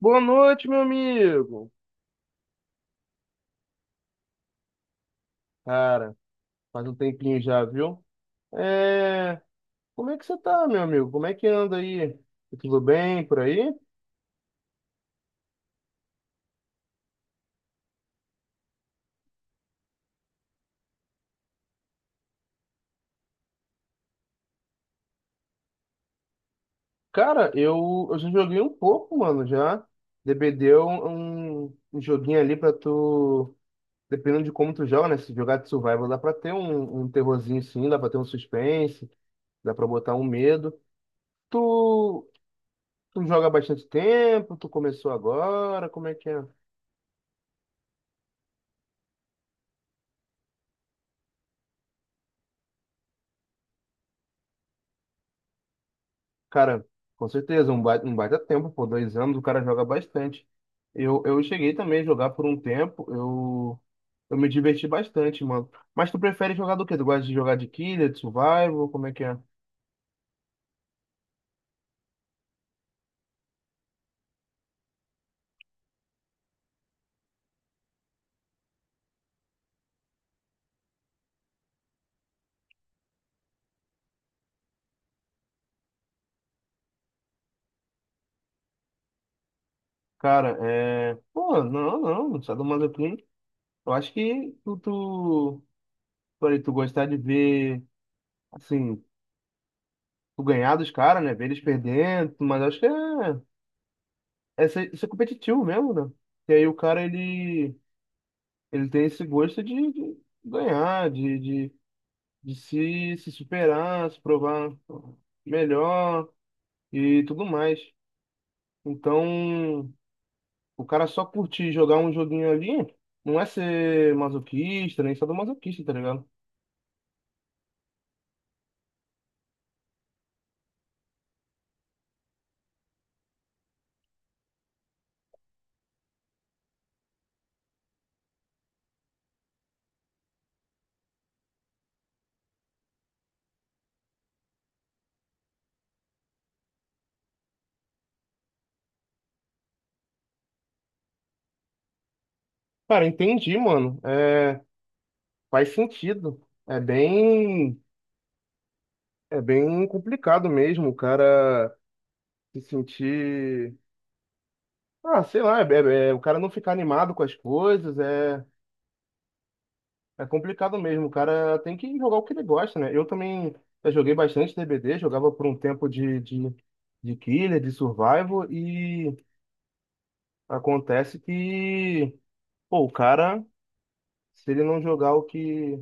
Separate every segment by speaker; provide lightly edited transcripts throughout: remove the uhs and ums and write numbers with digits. Speaker 1: Boa noite, meu amigo. Cara, faz um tempinho já, viu? É... Como é que você tá, meu amigo? Como é que anda aí? Tá Tudo bem por aí? Cara, eu já joguei um pouco, mano, já. DBD é um joguinho ali pra tu. Dependendo de como tu joga, né? Se jogar de survival, dá pra ter um terrorzinho sim, dá pra ter um suspense, dá pra botar um medo. Tu, tu joga há bastante tempo? Tu começou agora? Como é que é? Cara, com certeza, um baita tempo, por 2 anos o cara joga bastante. Eu cheguei também a jogar por um tempo, eu me diverti bastante, mano. Mas tu prefere jogar do quê? Tu gosta de jogar de killer, de survival, como é que é? Cara, pô, não, não, sadomasoquismo. Eu acho que falei, tu gostar de ver, assim, tu ganhar dos caras, né? Ver eles perdendo, mas eu acho que isso é competitivo mesmo, né? E aí o cara, ele tem esse gosto de ganhar, de se superar, se provar melhor e tudo mais. Então, o cara só curtir jogar um joguinho ali não é ser masoquista, nem sadomasoquista, tá ligado? Cara, entendi, mano. É, faz sentido. É bem, é bem complicado mesmo o cara se sentir. Ah, sei lá, é o cara não ficar animado com as coisas, é. É complicado mesmo, o cara tem que jogar o que ele gosta, né? Eu também já joguei bastante DBD, jogava por um tempo de killer, de survival, e acontece que, pô, o cara, se ele não jogar o que,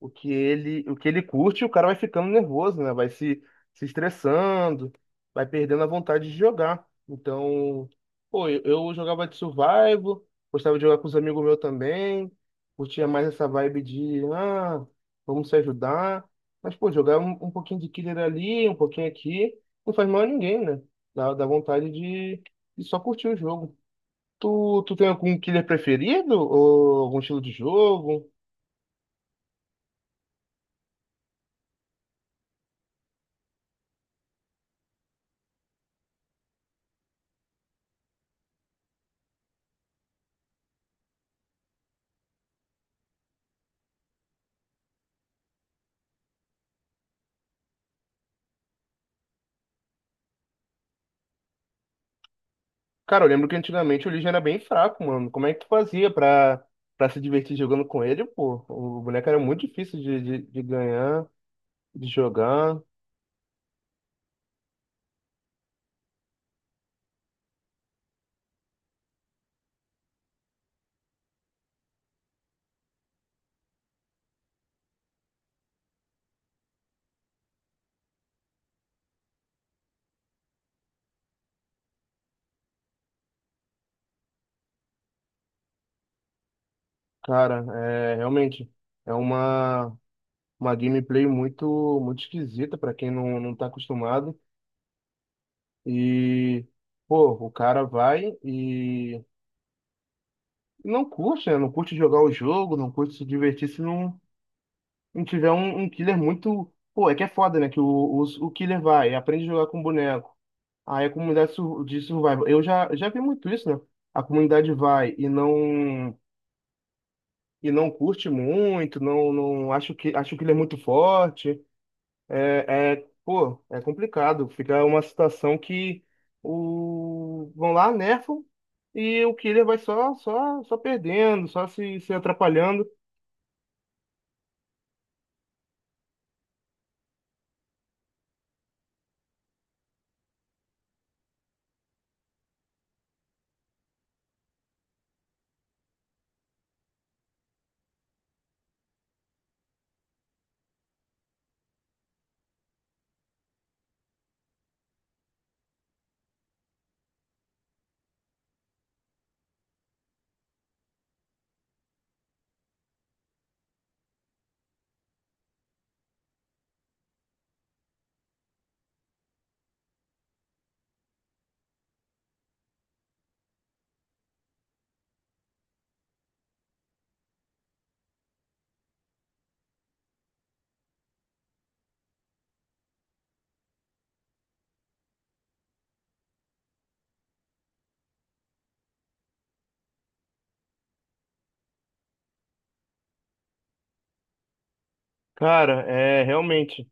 Speaker 1: o que ele, o que ele curte, o cara vai ficando nervoso, né? Vai se estressando, vai perdendo a vontade de jogar. Então, pô, eu jogava de survival, gostava de jogar com os amigos meus também, curtia mais essa vibe de, ah, vamos se ajudar. Mas, pô, jogar um pouquinho de killer ali, um pouquinho aqui, não faz mal a ninguém, né? Dá vontade de só curtir o jogo. Tu tem algum killer preferido? Ou algum estilo de jogo? Cara, eu lembro que antigamente o Legion era bem fraco, mano. Como é que tu fazia pra se divertir jogando com ele, pô? O boneco era muito difícil de ganhar, de jogar. Cara, é realmente. É uma gameplay muito, muito esquisita pra quem não tá acostumado. E, pô, o cara vai e não curte, né? Não curte jogar o jogo, não curte se divertir se não tiver um killer muito. Pô, é que é foda, né? Que o killer vai, aprende a jogar com o boneco. Aí a comunidade de survival. Eu já vi muito isso, né? A comunidade vai e não curte muito, não acho que ele é muito forte. É, é, pô, é complicado. Fica uma situação que o vão lá, nerfam e o killer vai só perdendo, só se atrapalhando. Cara, é realmente.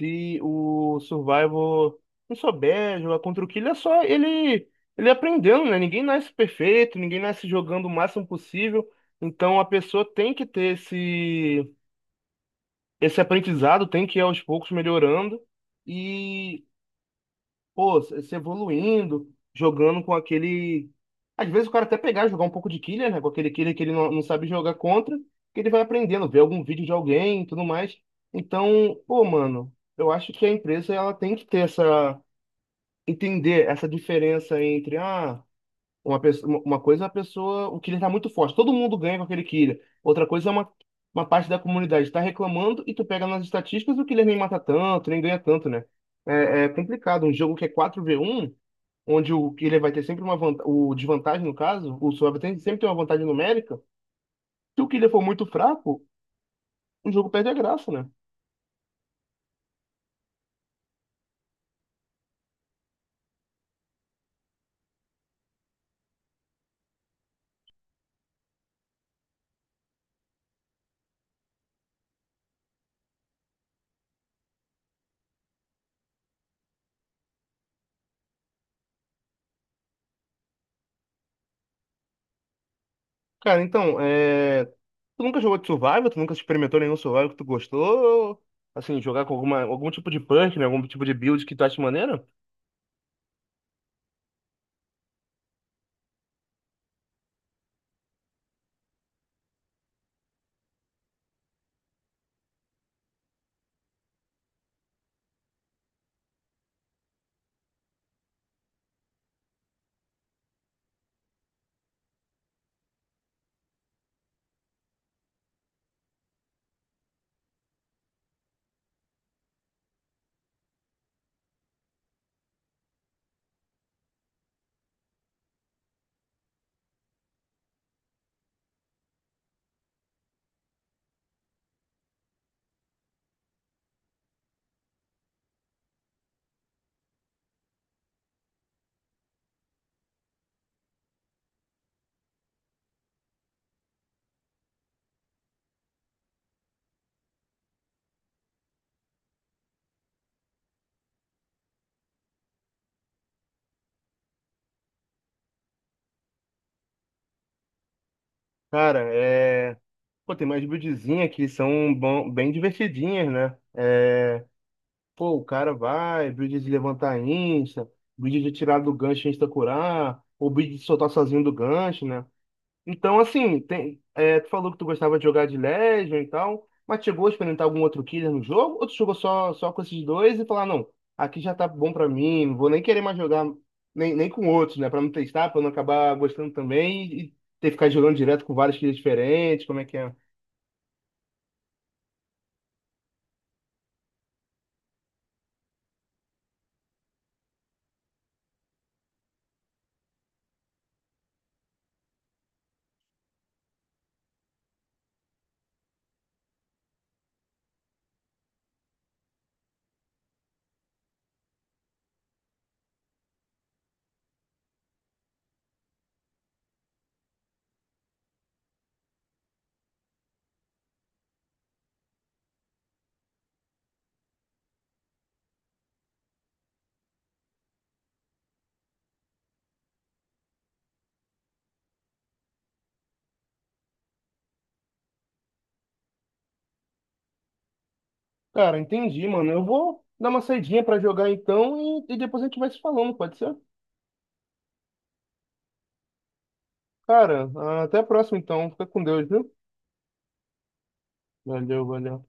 Speaker 1: Se o Survival não souber jogar contra o Killer, é só ele aprendendo, né? Ninguém nasce perfeito, ninguém nasce jogando o máximo possível. Então a pessoa tem que ter esse aprendizado, tem que ir aos poucos melhorando. E pô, se se evoluindo, jogando com aquele. Às vezes o cara até pegar, jogar um pouco de killer, né? Com aquele killer que ele não sabe jogar contra, que ele vai aprendendo, ver algum vídeo de alguém e tudo mais. Então, pô, mano, eu acho que a empresa ela tem que ter essa. Entender essa diferença entre, ah, uma coisa é a pessoa. O killer tá muito forte, todo mundo ganha com aquele killer. Outra coisa é uma. Uma parte da comunidade tá reclamando e tu pega nas estatísticas o killer nem mata tanto, nem ganha tanto, né? É complicado. Um jogo que é 4v1 onde o Killer vai ter sempre uma vantagem, o desvantagem no caso, sempre tem uma vantagem numérica, se o Killer for muito fraco, o jogo perde a graça, né? Cara, então, tu nunca jogou de Survival? Tu nunca experimentou nenhum Survival que tu gostou? Assim, jogar com algum tipo de punk, né? Algum tipo de build que tu acha maneiro? Cara, pô, tem mais buildzinha que são bem divertidinhas, né? Pô, o cara vai, build de levantar insta, build de tirar do gancho e insta curar, ou build de soltar sozinho do gancho, né? Então, assim, tu falou que tu gostava de jogar de Legion e tal, mas chegou a experimentar algum outro killer no jogo? Ou tu jogou só com esses dois e falar, não, aqui já tá bom pra mim, não vou nem querer mais jogar nem com outros, né? Pra não testar, pra não acabar gostando também e ter que ficar jogando direto com vários killers diferentes, como é que é? Cara, entendi, mano. Eu vou dar uma saidinha pra jogar então e depois a gente vai se falando, pode ser? Cara, até a próxima então. Fica com Deus, viu? Valeu, valeu.